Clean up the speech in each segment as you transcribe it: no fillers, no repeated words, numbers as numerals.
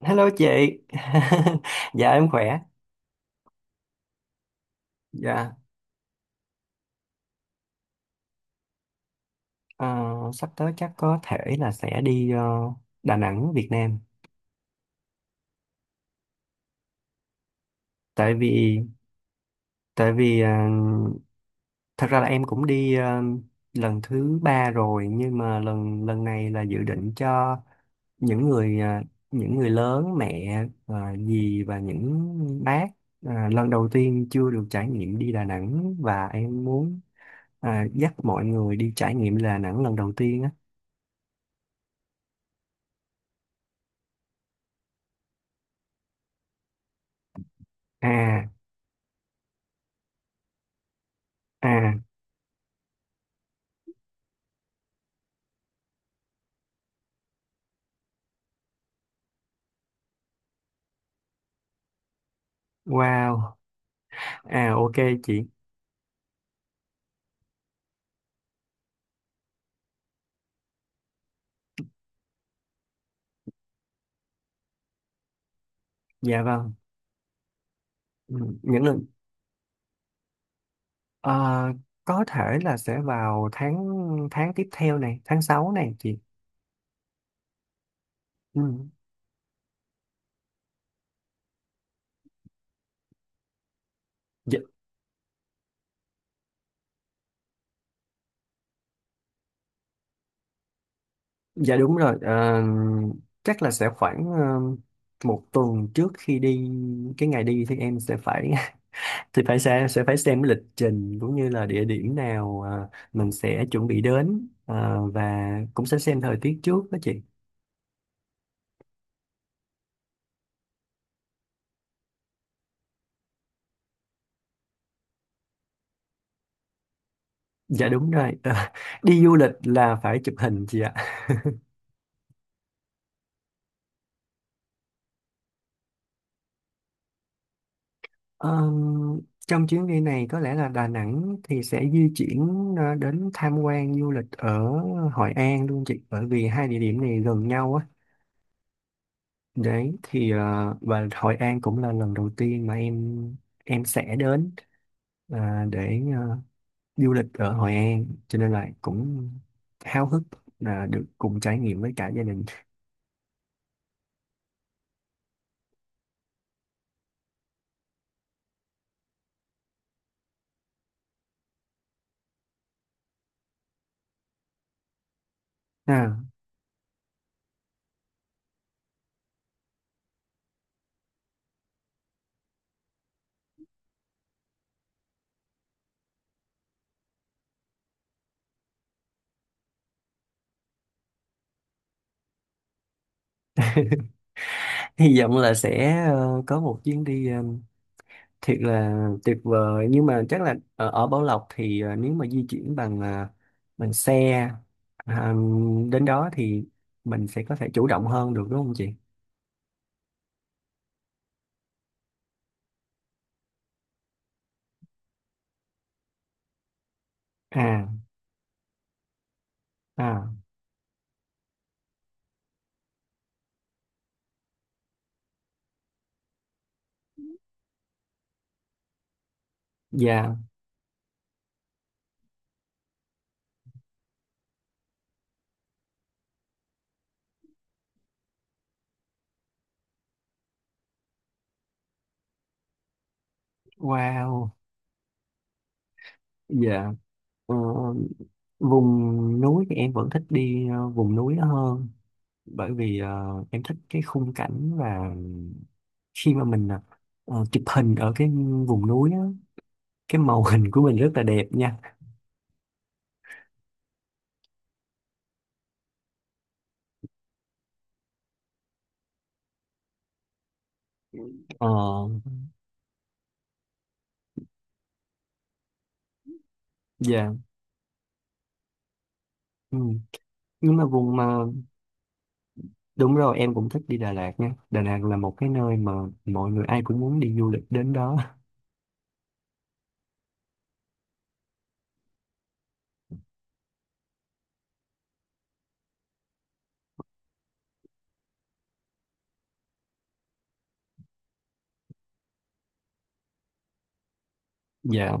Hello chị, dạ em khỏe. Dạ, ờ, sắp tới chắc có thể là sẽ đi Đà Nẵng, Việt Nam. Tại vì, tại vì thật ra là em cũng đi lần thứ ba rồi, nhưng mà lần lần này là dự định cho những người ờ, những người lớn, mẹ, ờ, dì và những bác lần đầu tiên chưa được trải nghiệm đi Đà Nẵng, và em muốn ờ, dắt mọi người đi trải nghiệm Đà Nẵng lần đầu tiên á. À. À. Wow, à ok chị, dạ vâng, ừ, những lần ờ, có thể là sẽ vào tháng tháng tiếp theo này, tháng 6 này chị. Ừ. Dạ, dạ đúng rồi. Ờ, Chắc là sẽ khoảng một tuần trước khi đi, cái ngày đi thì em sẽ phải thì phải sẽ phải xem cái lịch trình cũng như là địa điểm nào mình sẽ chuẩn bị đến, và cũng sẽ xem thời tiết trước đó chị. Dạ đúng rồi, đi du lịch là phải chụp hình chị ạ. Ờ, trong chuyến đi này có lẽ là Đà Nẵng thì sẽ di chuyển đến tham quan du lịch ở Hội An luôn chị, bởi vì hai địa điểm này gần nhau á, đấy thì và Hội An cũng là lần đầu tiên mà em sẽ đến, để du lịch ở Hội An, cho nên là cũng háo hức là được cùng trải nghiệm với cả gia đình. à, hy vọng là sẽ có một chuyến đi thiệt là tuyệt vời, nhưng mà chắc là ở Bảo Lộc thì nếu mà di chuyển bằng xe ờ, đến đó thì mình sẽ có thể chủ động hơn được, đúng không chị? À. À. Dạ. Wow. Dạ. Ờ, vùng núi thì em vẫn thích đi vùng núi đó hơn, bởi vì em thích cái khung cảnh, và khi mà mình chụp hình ở cái vùng núi á, cái màu hình của mình rất là đẹp nha. Ờ. Dạ. Ừ. Nhưng mà vùng mà đúng rồi, em cũng thích đi Đà Lạt nha, Đà Lạt là một cái nơi mà mọi người ai cũng muốn đi du lịch đến đó. Dạ,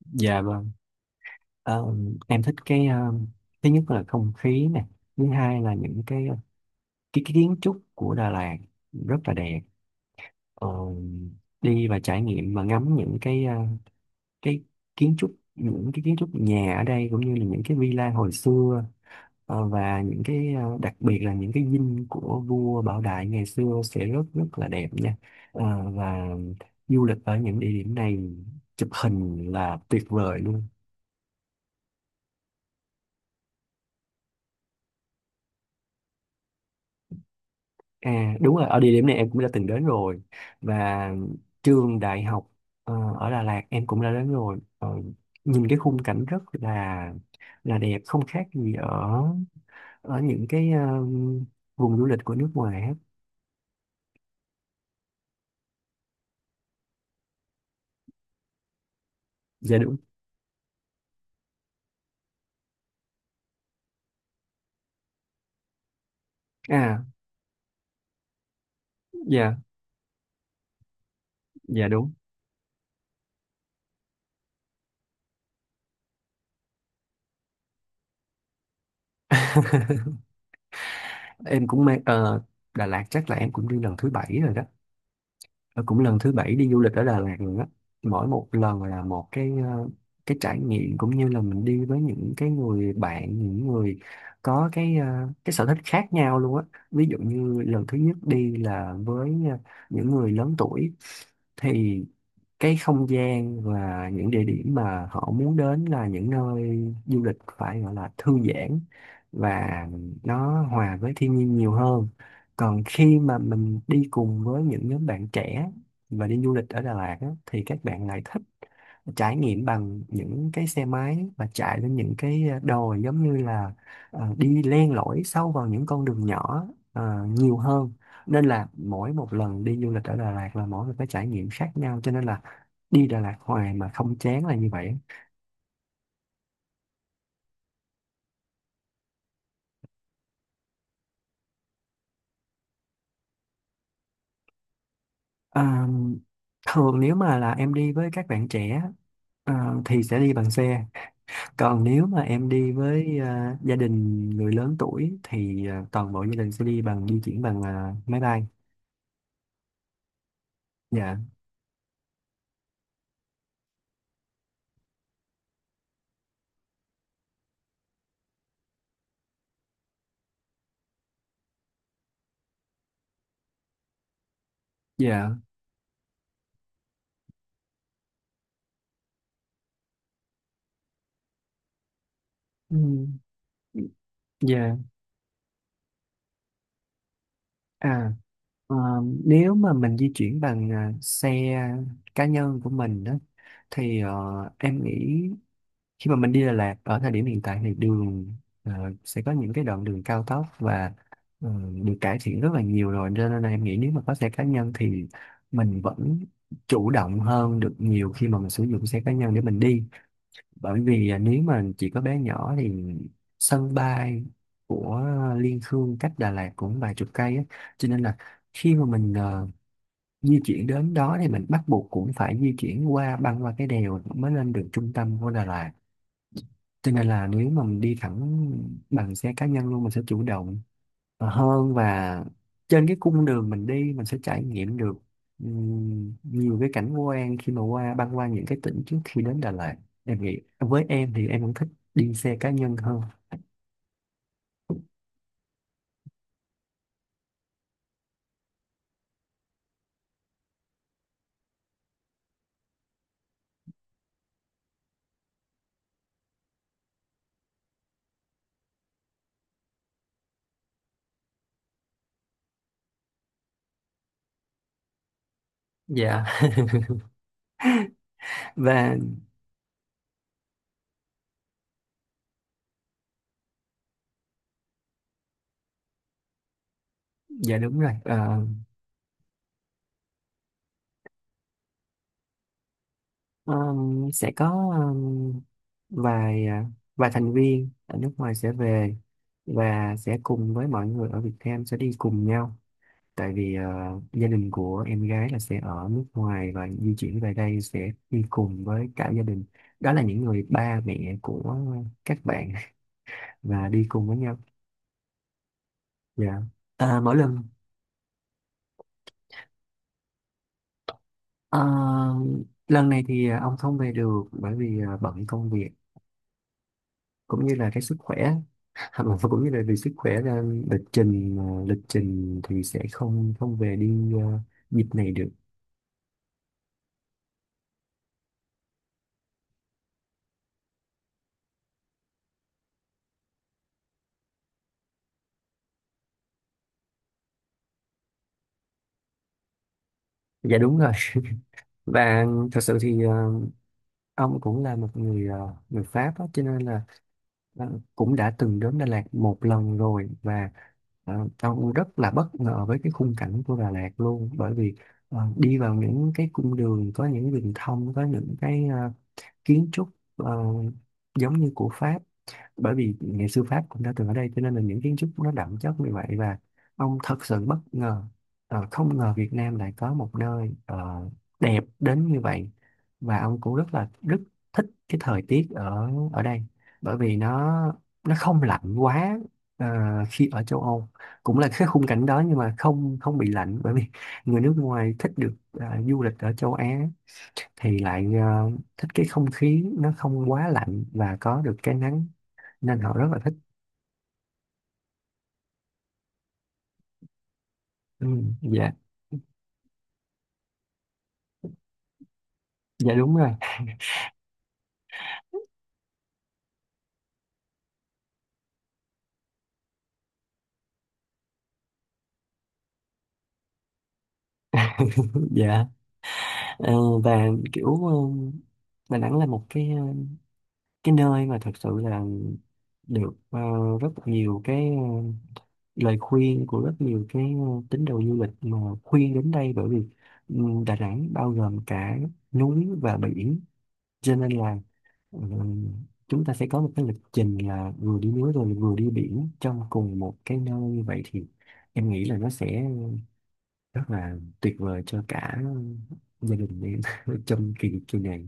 dạ, vâng. Ờ, em thích cái thứ nhất là không khí nè, thứ hai là những cái cái kiến trúc của Đà Lạt rất là đẹp. Ờ, Đi và trải nghiệm và ngắm những cái cái kiến trúc, những cái kiến trúc nhà ở đây cũng như là những cái villa hồi xưa, và những cái đặc biệt là những cái dinh của vua Bảo Đại ngày xưa sẽ rất rất là đẹp nha. Và du lịch ở những địa điểm này, chụp hình là tuyệt vời luôn. À đúng rồi, ở địa điểm này em cũng đã từng đến rồi, và trường đại học ở Đà Lạt em cũng đã đến rồi. Ờ, Nhìn cái khung cảnh rất là đẹp, không khác gì ở ở những cái vùng du lịch của nước ngoài á. Dạ đúng. À. Dạ, dạ đúng. Em cũng mê Đà Lạt, chắc là em cũng đi lần thứ bảy rồi đó. Ờ, Cũng lần thứ bảy đi du lịch ở Đà Lạt rồi đó. Mỗi một lần là một cái trải nghiệm, cũng như là mình đi với những cái người bạn, những người có cái sở thích khác nhau luôn á. Ví dụ như lần thứ nhất đi là với những người lớn tuổi, thì cái không gian và những địa điểm mà họ muốn đến là những nơi du lịch phải gọi là thư giãn và nó hòa với thiên nhiên nhiều hơn. Còn khi mà mình đi cùng với những nhóm bạn trẻ và đi du lịch ở Đà Lạt á, thì các bạn lại thích trải nghiệm bằng những cái xe máy và chạy lên những cái đồi, giống như là đi len lỏi sâu vào những con đường nhỏ nhiều hơn, nên là mỗi một lần đi du lịch ở Đà Lạt là mỗi một cái trải nghiệm khác nhau, cho nên là đi Đà Lạt hoài mà không chán là như vậy. À, thường nếu mà là em đi với các bạn trẻ thì sẽ đi bằng xe. Còn nếu mà em đi với gia đình người lớn tuổi thì toàn bộ gia đình sẽ đi bằng, di chuyển bằng máy bay. Dạ. Dạ. Ừ. Dạ. À, ờ, nếu mà mình di chuyển bằng xe cá nhân của mình đó, thì em nghĩ khi mà mình đi Đà Lạt ở thời điểm hiện tại thì đường ờ, sẽ có những cái đoạn đường cao tốc, và ờ, được cải thiện rất là nhiều rồi, cho nên là em nghĩ nếu mà có xe cá nhân thì mình vẫn chủ động hơn được nhiều, khi mà mình sử dụng xe cá nhân để mình đi. Bởi vì nếu mà chỉ có bé nhỏ thì sân bay của Liên Khương cách Đà Lạt cũng vài chục cây á, cho nên là khi mà mình di chuyển đến đó thì mình bắt buộc cũng phải di chuyển qua, băng qua cái đèo mới lên được trung tâm của Đà Lạt. Cho nên là nếu mà mình đi thẳng bằng xe cá nhân luôn, mình sẽ chủ động hơn, và trên cái cung đường mình đi mình sẽ trải nghiệm được nhiều cái cảnh quan khi mà qua, băng qua những cái tỉnh trước khi đến Đà Lạt. Em nghĩ với em thì em cũng thích đi xe cá nhân hơn. Dạ. Và dạ đúng rồi. Ờ, sẽ có vài à, vài thành viên ở nước ngoài sẽ về, và sẽ cùng với mọi người ở Việt Nam sẽ đi cùng nhau. Tại vì gia đình của em gái là sẽ ở nước ngoài và di chuyển về đây, sẽ đi cùng với cả gia đình, đó là những người ba mẹ của các bạn, và đi cùng với nhau. Dạ. à, mỗi lần ờ, lần này thì ông không về được, bởi vì bận công việc cũng như là cái sức khỏe. Mà cũng như là vì sức khỏe nên lịch trình, lịch trình thì sẽ không không về đi dịp này được. Dạ đúng rồi. Và thật sự thì ông cũng là người Pháp đó, cho nên là cũng đã từng đến Đà Lạt một lần rồi, và ờ, ông rất là bất ngờ với cái khung cảnh của Đà Lạt luôn, bởi vì đi vào những cái cung đường có những đường thông, có những cái kiến trúc ờ, giống như của Pháp, bởi vì nghệ sư Pháp cũng đã từng ở đây cho nên là những kiến trúc nó đậm chất như vậy. Và ông thật sự bất ngờ, không ngờ Việt Nam lại có một nơi đẹp đến như vậy, và ông cũng rất là rất thích cái thời tiết ở ở đây, bởi vì nó không lạnh quá. ờ, Khi ở châu Âu cũng là cái khung cảnh đó nhưng mà không không bị lạnh, bởi vì người nước ngoài thích được du lịch ở châu Á thì lại thích cái không khí nó không quá lạnh và có được cái nắng, nên họ rất là thích. Ừ. Dạ, dạ đúng rồi. Dạ. Ờ, và kiểu Đà Nẵng là một cái nơi mà thật sự là được rất nhiều cái lời khuyên của rất nhiều cái tín đồ du lịch mà khuyên đến đây, bởi vì ừ, Đà Nẵng bao gồm cả núi và biển. Cho nên là ừ, chúng ta sẽ có một cái lịch trình là vừa đi núi rồi vừa đi biển trong cùng một cái nơi, vậy thì em nghĩ là nó sẽ rất là tuyệt vời cho cả gia đình em trong kỳ kỳ này.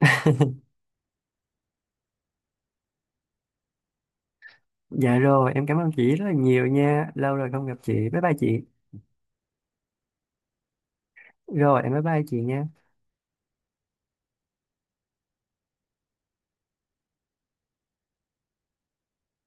Dạ rồi, em cảm ơn chị rất là nhiều nha. Lâu rồi không gặp chị. Bye bye chị. Rồi, em bye bye chị nha.